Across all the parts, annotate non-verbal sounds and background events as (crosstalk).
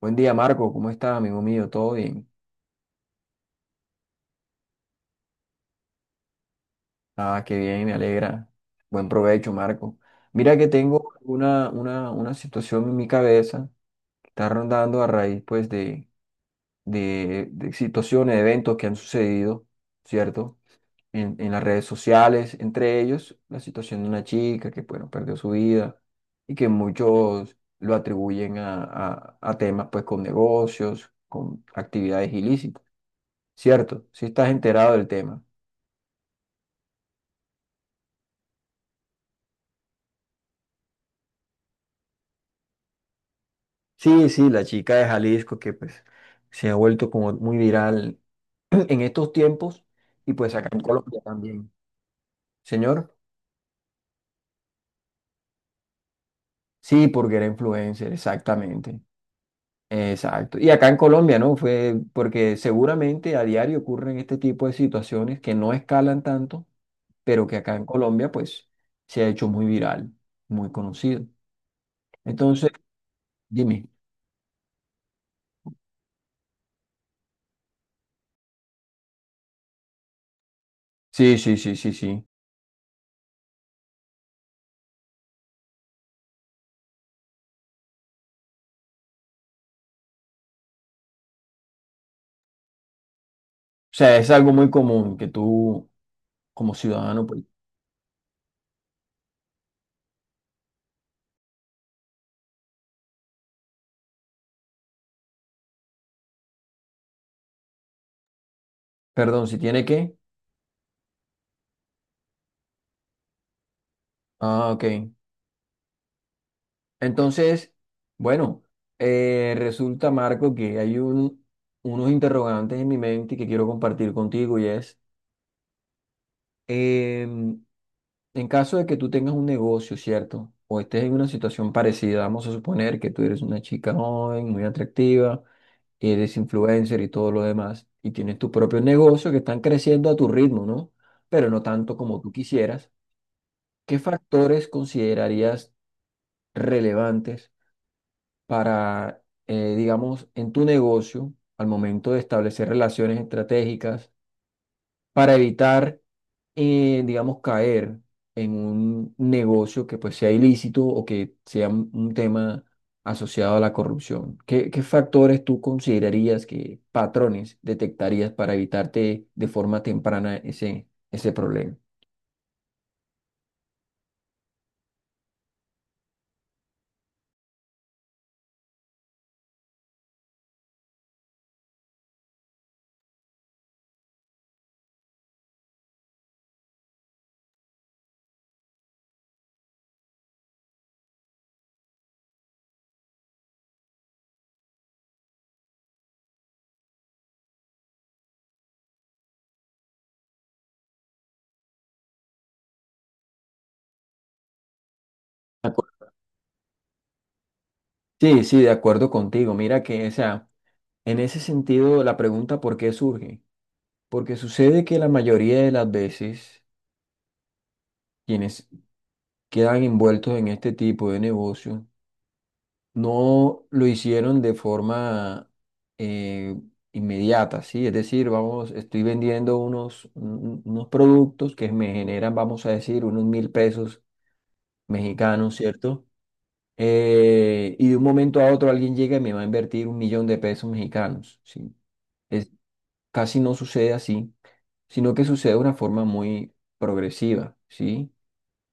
Buen día, Marco. ¿Cómo estás, amigo mío? ¿Todo bien? Ah, qué bien, me alegra. Buen provecho, Marco. Mira que tengo una situación en mi cabeza que está rondando a raíz, pues, de, de situaciones, eventos que han sucedido, ¿cierto? En las redes sociales, entre ellos la situación de una chica que, bueno, perdió su vida y que muchos lo atribuyen a temas, pues, con negocios, con actividades ilícitas. Cierto, si estás enterado del tema. Sí, sí, la chica de Jalisco que pues se ha vuelto como muy viral (clears throat) en estos tiempos y pues acá en Colombia también. Señor, sí, porque era influencer, exactamente. Exacto. Y acá en Colombia, ¿no? Fue porque seguramente a diario ocurren este tipo de situaciones que no escalan tanto, pero que acá en Colombia pues se ha hecho muy viral, muy conocido. Entonces, dime. Sí, sí, sí, sí, sí. O sea, es algo muy común que tú, como ciudadano, pues, perdón, si tiene que. Ah, ok. Entonces, bueno, resulta, Marco, que hay unos interrogantes en mi mente que quiero compartir contigo y es, em, en caso de que tú tengas un negocio, ¿cierto? O estés en una situación parecida, vamos a suponer que tú eres una chica joven, muy atractiva. Y eres influencer y todo lo demás, y tienes tu propio negocio que están creciendo a tu ritmo, ¿no? Pero no tanto como tú quisieras. ¿Qué factores considerarías relevantes para, digamos, en tu negocio al momento de establecer relaciones estratégicas para evitar, digamos, caer en un negocio que pues sea ilícito o que sea un tema asociado a la corrupción? ¿Qué, qué factores tú considerarías que patrones detectarías para evitarte de forma temprana ese problema? De acu- Sí, sí, de acuerdo contigo. Mira que, o sea, en ese sentido la pregunta ¿por qué surge? Porque sucede que la mayoría de las veces quienes quedan envueltos en este tipo de negocio no lo hicieron de forma, eh, inmediata, ¿sí? Es decir, vamos, estoy vendiendo unos productos que me generan, vamos a decir, unos 1.000 pesos mexicanos, ¿cierto? Y de un momento a otro alguien llega y me va a invertir 1.000.000 de pesos mexicanos, ¿sí? Es, casi no sucede así, sino que sucede de una forma muy progresiva, ¿sí?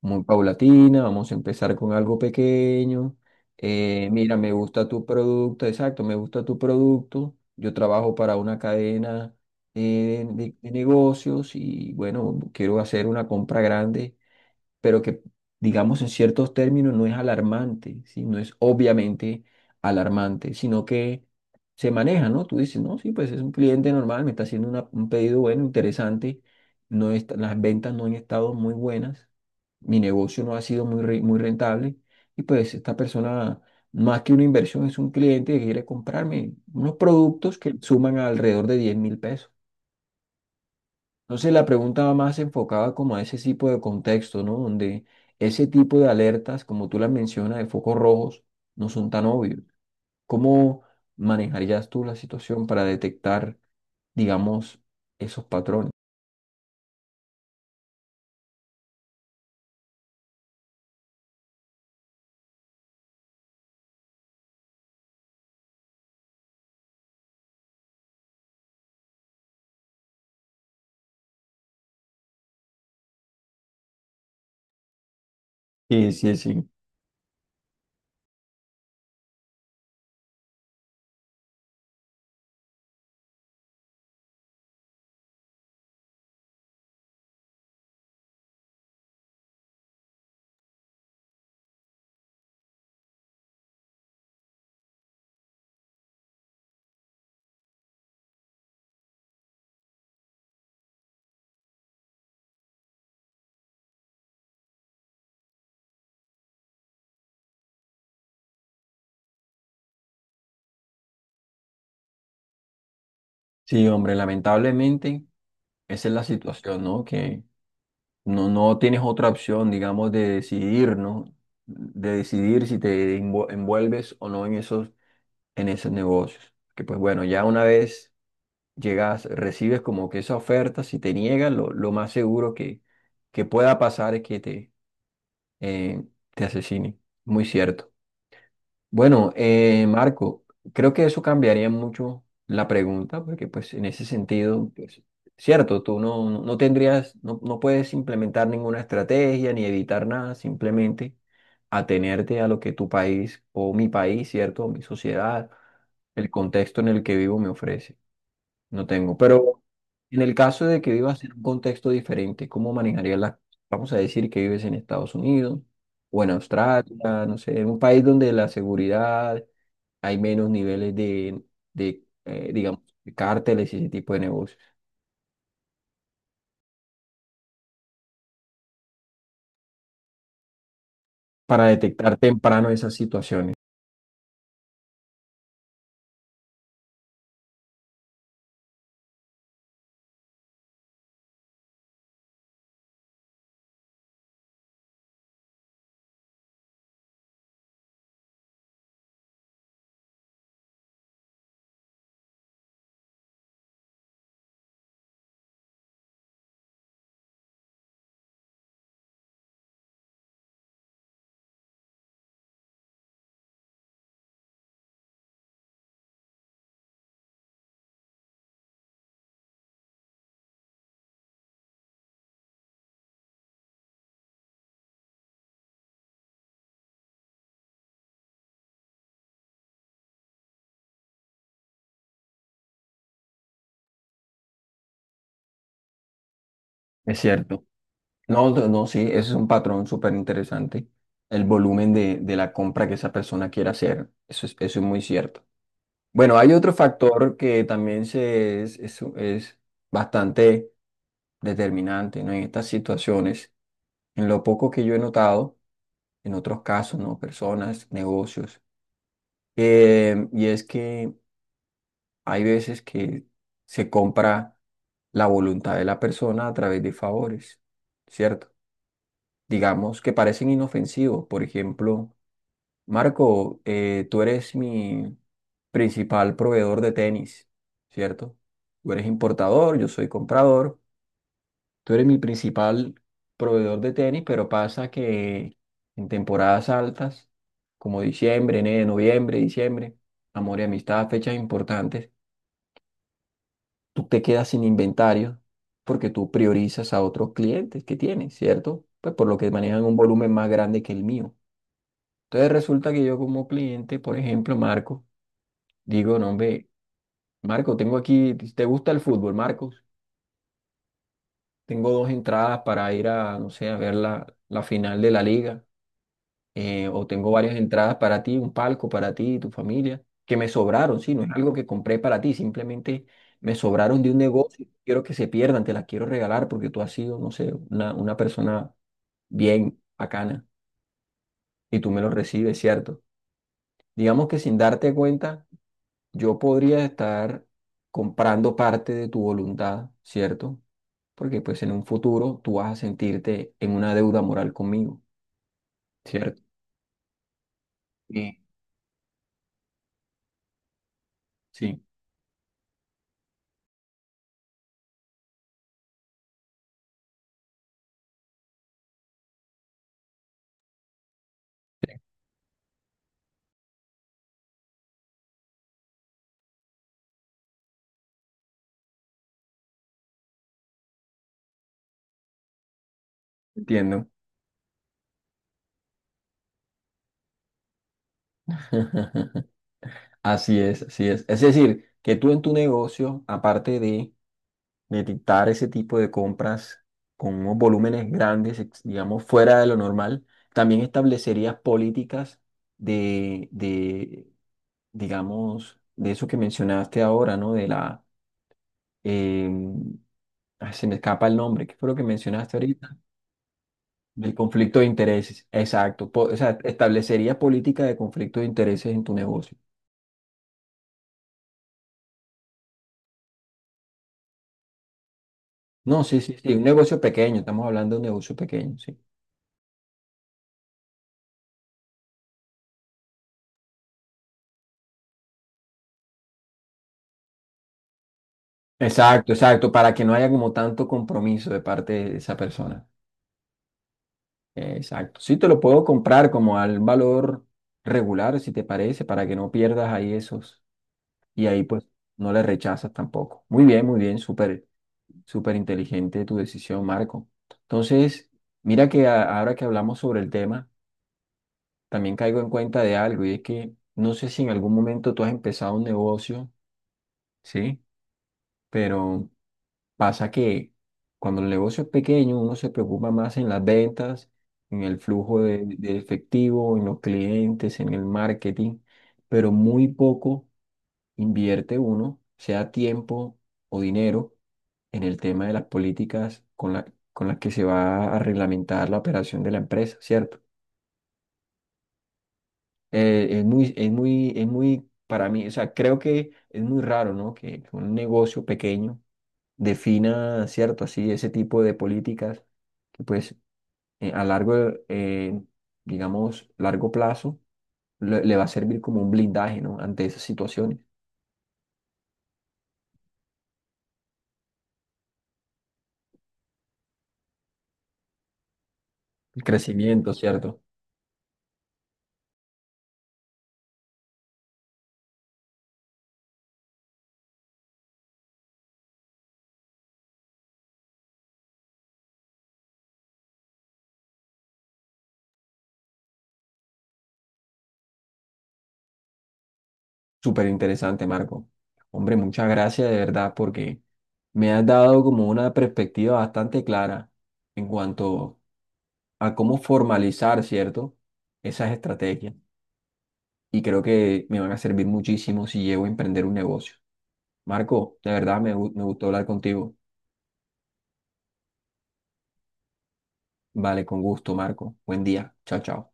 Muy paulatina, vamos a empezar con algo pequeño. Mira, me gusta tu producto, exacto, me gusta tu producto. Yo trabajo para una cadena, de negocios y bueno, quiero hacer una compra grande, pero que digamos en ciertos términos no es alarmante, ¿sí? No es obviamente alarmante, sino que se maneja, ¿no? Tú dices, no, sí, pues es un cliente normal, me está haciendo un pedido bueno, interesante. Las ventas no han estado muy buenas, mi negocio no ha sido muy, muy rentable, y pues esta persona, más que una inversión, es un cliente que quiere comprarme unos productos que suman alrededor de 10.000 pesos. Entonces la pregunta va más enfocada como a ese tipo de contexto, ¿no? Donde ese tipo de alertas, como tú las mencionas, de focos rojos, no son tan obvios. ¿Cómo manejarías tú la situación para detectar, digamos, esos patrones? Sí, sí, sí. Sí, hombre, lamentablemente esa es la situación, ¿no? Que no, no tienes otra opción, digamos, de decidir, ¿no? De decidir si envuelves o no en esos, en esos negocios. Que pues bueno, ya una vez llegas, recibes como que esa oferta, si te niegan, lo más seguro que pueda pasar es que eh, te asesinen. Muy cierto. Bueno, Marco, creo que eso cambiaría mucho la pregunta, porque pues en ese sentido, pues, cierto, tú no tendrías, no puedes implementar ninguna estrategia ni evitar nada, simplemente atenerte a lo que tu país o mi país, cierto, o mi sociedad, el contexto en el que vivo me ofrece. No tengo, pero en el caso de que vivas en un contexto diferente, ¿cómo manejarías las cosas? Vamos a decir que vives en Estados Unidos o en Australia, no sé, en un país donde la seguridad hay menos niveles de digamos, de cárteles y ese tipo de negocios, para detectar temprano esas situaciones? Es cierto. No, no, no, sí, ese es un patrón súper interesante, el volumen de la compra que esa persona quiere hacer, eso es muy cierto. Bueno, hay otro factor que también se es, es bastante determinante, ¿no? En estas situaciones, en lo poco que yo he notado, en otros casos, ¿no? Personas, negocios, y es que hay veces que se compra la voluntad de la persona a través de favores, ¿cierto? Digamos que parecen inofensivos, por ejemplo. Marco, tú eres mi principal proveedor de tenis, ¿cierto? Tú eres importador, yo soy comprador. Tú eres mi principal proveedor de tenis, pero pasa que en temporadas altas, como diciembre, enero, noviembre, diciembre, amor y amistad, fechas importantes, tú te quedas sin inventario porque tú priorizas a otros clientes que tienes, ¿cierto? Pues por lo que manejan un volumen más grande que el mío. Entonces resulta que yo como cliente, por ejemplo, Marco, digo, no, hombre, Marco, tengo aquí, ¿te gusta el fútbol, Marcos? Tengo dos entradas para ir a, no sé, a ver la, la final de la liga. Eh, o tengo varias entradas para ti, un palco para ti y tu familia, que me sobraron, sí, no es algo que compré para ti, simplemente me sobraron de un negocio. Quiero que se pierdan, te las quiero regalar porque tú has sido, no sé, una persona bien bacana y tú me lo recibes, ¿cierto? Digamos que sin darte cuenta, yo podría estar comprando parte de tu voluntad, ¿cierto? Porque pues en un futuro tú vas a sentirte en una deuda moral conmigo, ¿cierto? Sí, sí, sí, entiendo. (laughs) Así es, así es. Es decir, que tú en tu negocio, aparte de, dictar ese tipo de compras con unos volúmenes grandes, ex- digamos, fuera de lo normal, también establecerías políticas de, de, digamos, de eso que mencionaste ahora, ¿no? De la, em, se me escapa el nombre, ¿qué fue lo que mencionaste ahorita? Del conflicto de intereses, exacto. Po- o sea, establecería política de conflicto de intereses en tu negocio. No, sí, sí, sí, un negocio pequeño, estamos hablando de un negocio pequeño, sí. Exacto, exacto, para que no haya como tanto compromiso de parte de esa persona. Exacto. Sí, te lo puedo comprar como al valor regular, si te parece, para que no pierdas ahí esos. Y ahí pues no le rechazas tampoco. Muy bien, súper, súper inteligente tu decisión, Marco. Entonces, mira que, ahora que hablamos sobre el tema, también caigo en cuenta de algo y es que no sé si en algún momento tú has empezado un negocio, ¿sí? Pero pasa que cuando el negocio es pequeño uno se preocupa más en las ventas, en el flujo de efectivo, en los clientes, en el marketing, pero muy poco invierte uno, sea tiempo o dinero, en el tema de las políticas con con las que se va a reglamentar la operación de la empresa, ¿cierto? Es muy, para mí, o sea, creo que es muy raro, ¿no? Que un negocio pequeño defina, ¿cierto? Así, ese tipo de políticas que pues, eh, a largo, eh, digamos, largo plazo le va a servir como un blindaje, ¿no? Ante esas situaciones. El crecimiento, ¿cierto? Súper interesante, Marco. Hombre, muchas gracias de verdad porque me has dado como una perspectiva bastante clara en cuanto a cómo formalizar, ¿cierto? Esas estrategias. Y creo que me van a servir muchísimo si llego a emprender un negocio. Marco, de verdad me, me gustó hablar contigo. Vale, con gusto, Marco. Buen día. Chao, chao.